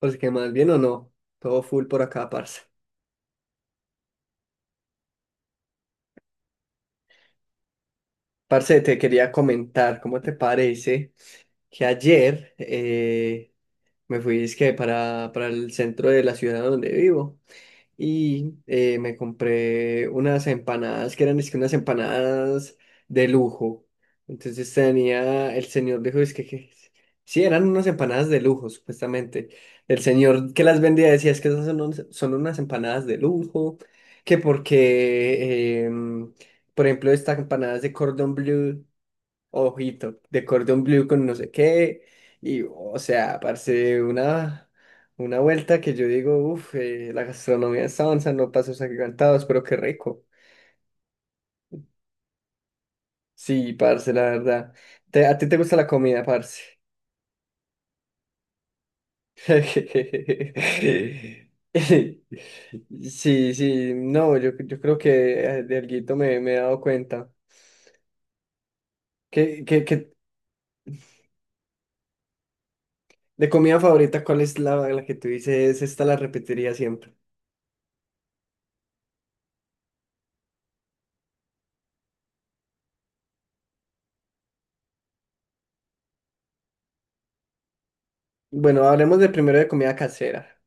O sea que más bien o no, todo full por acá, parce. Parce, te quería comentar, ¿cómo te parece que ayer me fui dizque, para el centro de la ciudad donde vivo? Y me compré unas empanadas que eran es que unas empanadas de lujo. Entonces tenía, el señor dijo, es que, sí, eran unas empanadas de lujo, supuestamente. El señor que las vendía decía, es que esas son, son unas empanadas de lujo, que porque, por ejemplo, estas empanadas de cordon bleu ojito, de cordón blue con no sé qué, y o sea, parce, una vuelta que yo digo, uff, la gastronomía de onza, no pasos agigantados, pero qué rico. Sí, parce, la verdad. ¿A ti te gusta la comida, parce? Sí, sí, no, yo creo que de alguito me he dado cuenta. ¿Qué, qué, qué- de comida favorita, ¿cuál es la que tú dices? Esta la repetiría siempre. Bueno, hablemos de primero de comida casera.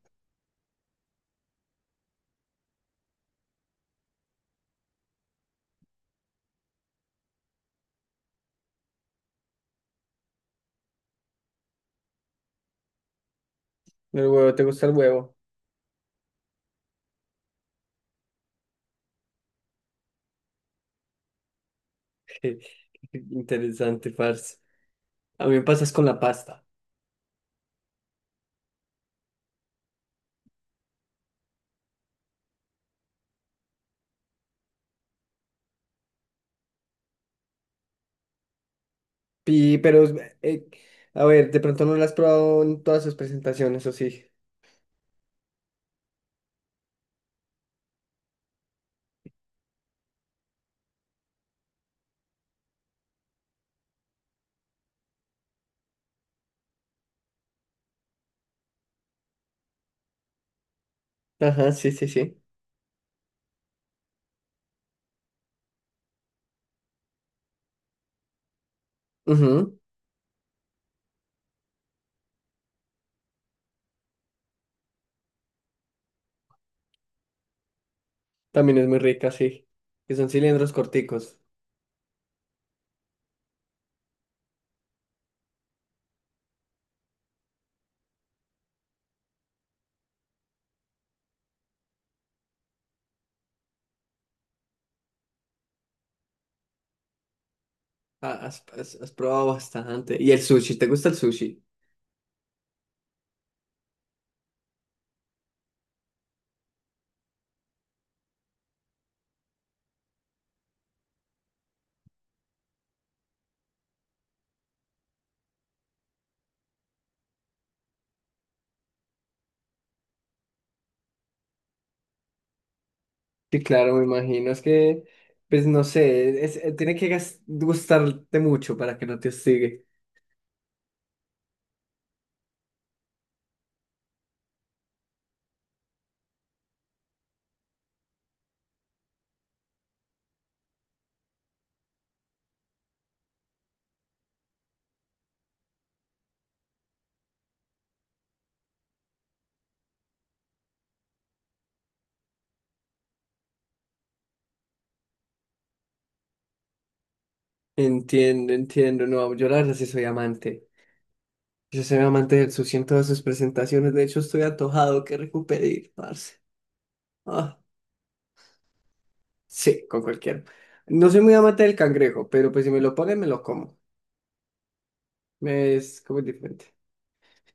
El huevo, ¿te gusta el huevo? Interesante, parce. A mí me pasas con la pasta. Y pero, eh, a ver, de pronto no lo has probado en todas sus presentaciones, ¿o sí? Ajá, sí, sí, sí. Ujú. También es muy rica, sí. Que son cilindros corticos. Ah, has probado bastante. ¿Y el sushi? ¿Te gusta el sushi? Sí, claro, me imagino. Es que, pues no sé, tiene que gustarte mucho para que no te hostigue. Entiendo, entiendo. No, yo la verdad sí soy amante. Yo soy amante del sushi en todas sus presentaciones. De hecho, estoy antojado que recupere ir, parce. Ah, sí, con cualquiera. No soy muy amante del cangrejo, pero pues si me lo ponen, me lo como. Es como diferente.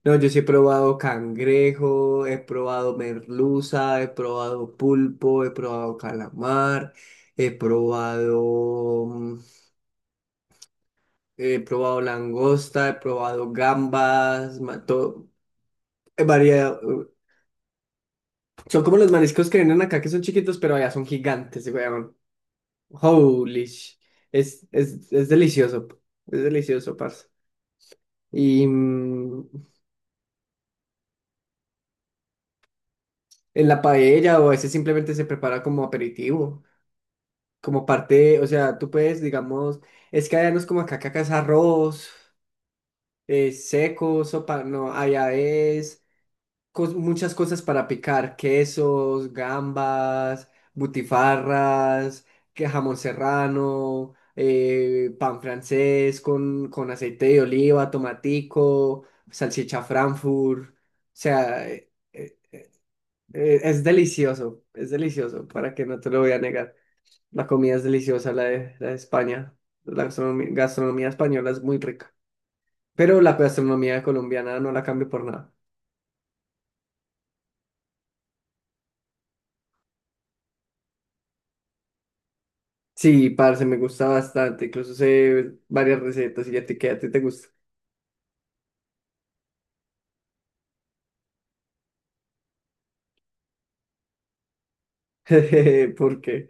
No, yo sí he probado cangrejo, he probado merluza, he probado pulpo, he probado calamar, he probado, he probado langosta, he probado gambas, todo, he variado. Son como los mariscos que vienen acá, que son chiquitos, pero allá son gigantes, weón. Holy sh- es delicioso, es delicioso, parce. Y en la paella o a veces simplemente se prepara como aperitivo, como parte, o sea, tú puedes, digamos, es que allá no es como acá, que acá es arroz, seco, sopa, no, allá es muchas cosas para picar, quesos, gambas, butifarras, que jamón serrano, pan francés con, aceite de oliva, tomatico, salchicha Frankfurt. O sea, es delicioso, para que no te lo voy a negar. La comida es deliciosa, la de España. La gastronomía española es muy rica, pero la gastronomía colombiana no la cambio por nada. Sí, parce, me gusta bastante. Incluso sé varias recetas y ya te queda, a ti te gusta. Porque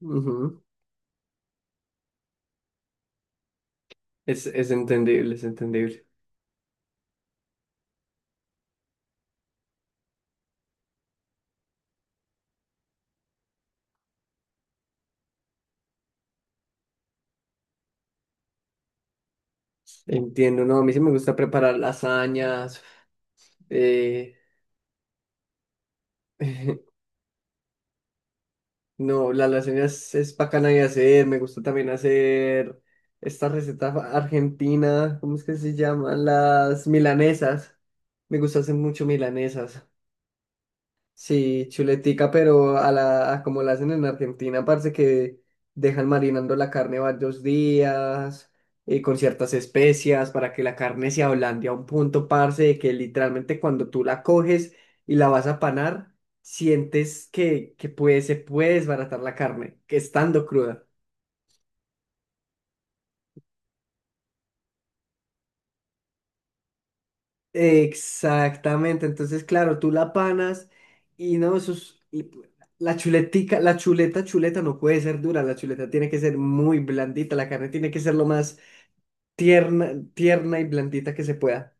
ujú, es entendible, es entendible. Entiendo, no, a mí sí me gusta preparar lasañas. eh, no, las lasañas es bacana de hacer. Me gusta también hacer esta receta argentina, ¿cómo es que se llaman? Las milanesas. Me gusta hacer mucho milanesas. Sí, chuletica, pero a como la hacen en Argentina, parece que dejan marinando la carne varios días, con ciertas especias, para que la carne se ablande a un punto, parce, de que literalmente cuando tú la coges y la vas a panar, sientes que se puede desbaratar la carne, que estando cruda. Exactamente, entonces claro, tú la panas y no, la chuleta no puede ser dura, la chuleta tiene que ser muy blandita, la carne tiene que ser lo más tierna, tierna y blandita que se pueda.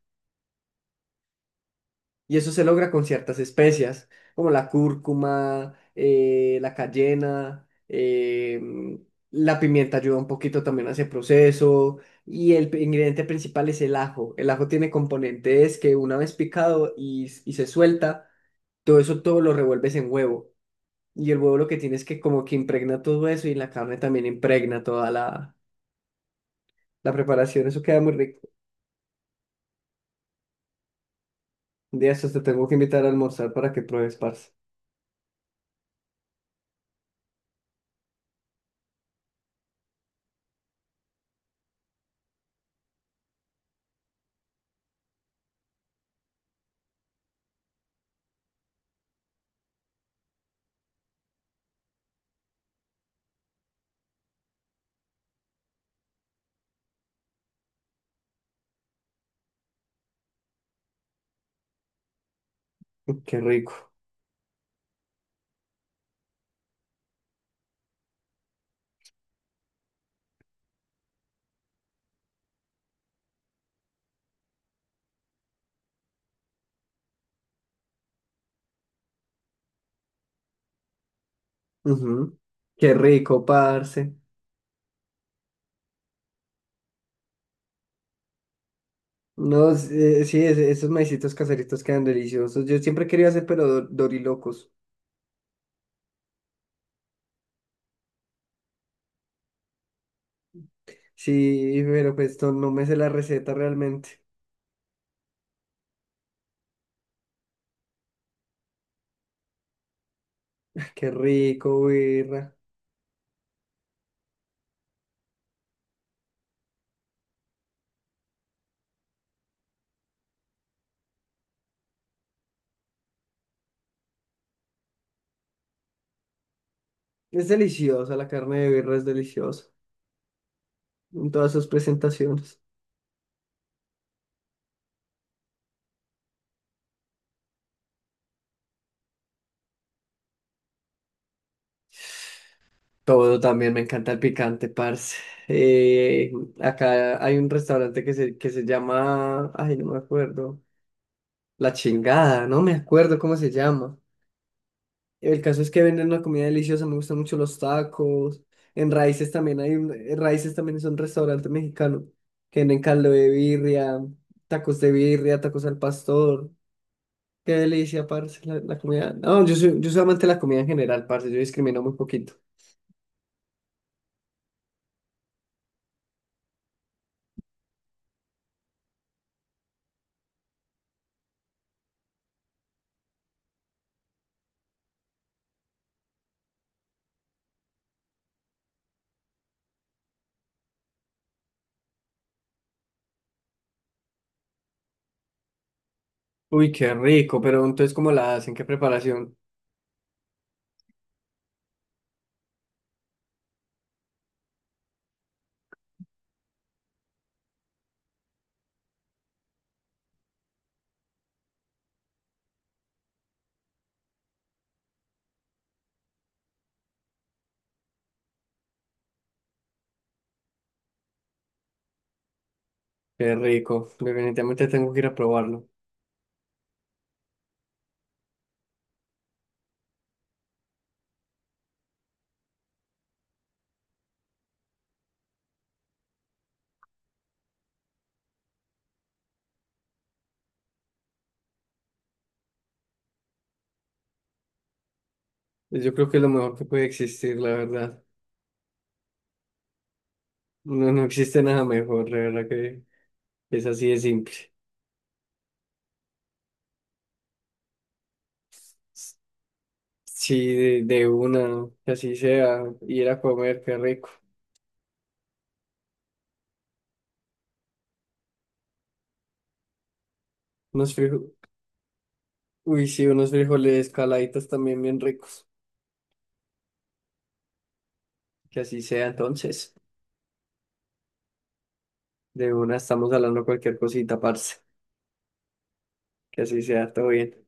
Y eso se logra con ciertas especias, como la cúrcuma, la cayena, la pimienta ayuda un poquito también a ese proceso. Y el ingrediente principal es el ajo. El ajo tiene componentes que una vez picado y se suelta, todo eso todo lo revuelves en huevo. Y el huevo lo que tiene es que como que impregna todo eso y la carne también impregna toda la preparación. Eso queda muy rico. De eso te tengo que invitar a almorzar para que pruebes, parce. Qué rico. Ujú. Qué rico, parce. No, sí, esos maicitos caseritos quedan deliciosos. Yo siempre quería hacer, pero dorilocos. Sí, pero pues no me sé la receta realmente. Qué rico, birra. Es deliciosa, la carne de birra es deliciosa. En todas sus presentaciones. Todo también, me encanta el picante, parce. Eh, Acá hay un restaurante que se, llama, ay, no me acuerdo, La Chingada, no me acuerdo cómo se llama. El caso es que venden una comida deliciosa, me gustan mucho los tacos. En Raíces también en Raíces también es un restaurante mexicano que venden caldo de birria, tacos al pastor. Qué delicia, parce, la comida. No, yo soy amante de la comida en general, parce, yo discrimino muy poquito. Uy, qué rico, pero entonces, ¿cómo la hacen? ¿Qué preparación? Qué rico, definitivamente tengo que ir a probarlo. Yo creo que es lo mejor que puede existir, la verdad. No, no existe nada mejor, la verdad que es así de simple. Sí, de una, que así sea, ir a comer, qué rico. Unos frijoles, uy, sí, unos frijoles caladitos también bien ricos, que así sea entonces. De una estamos hablando cualquier cosita, parce, que así sea, todo bien.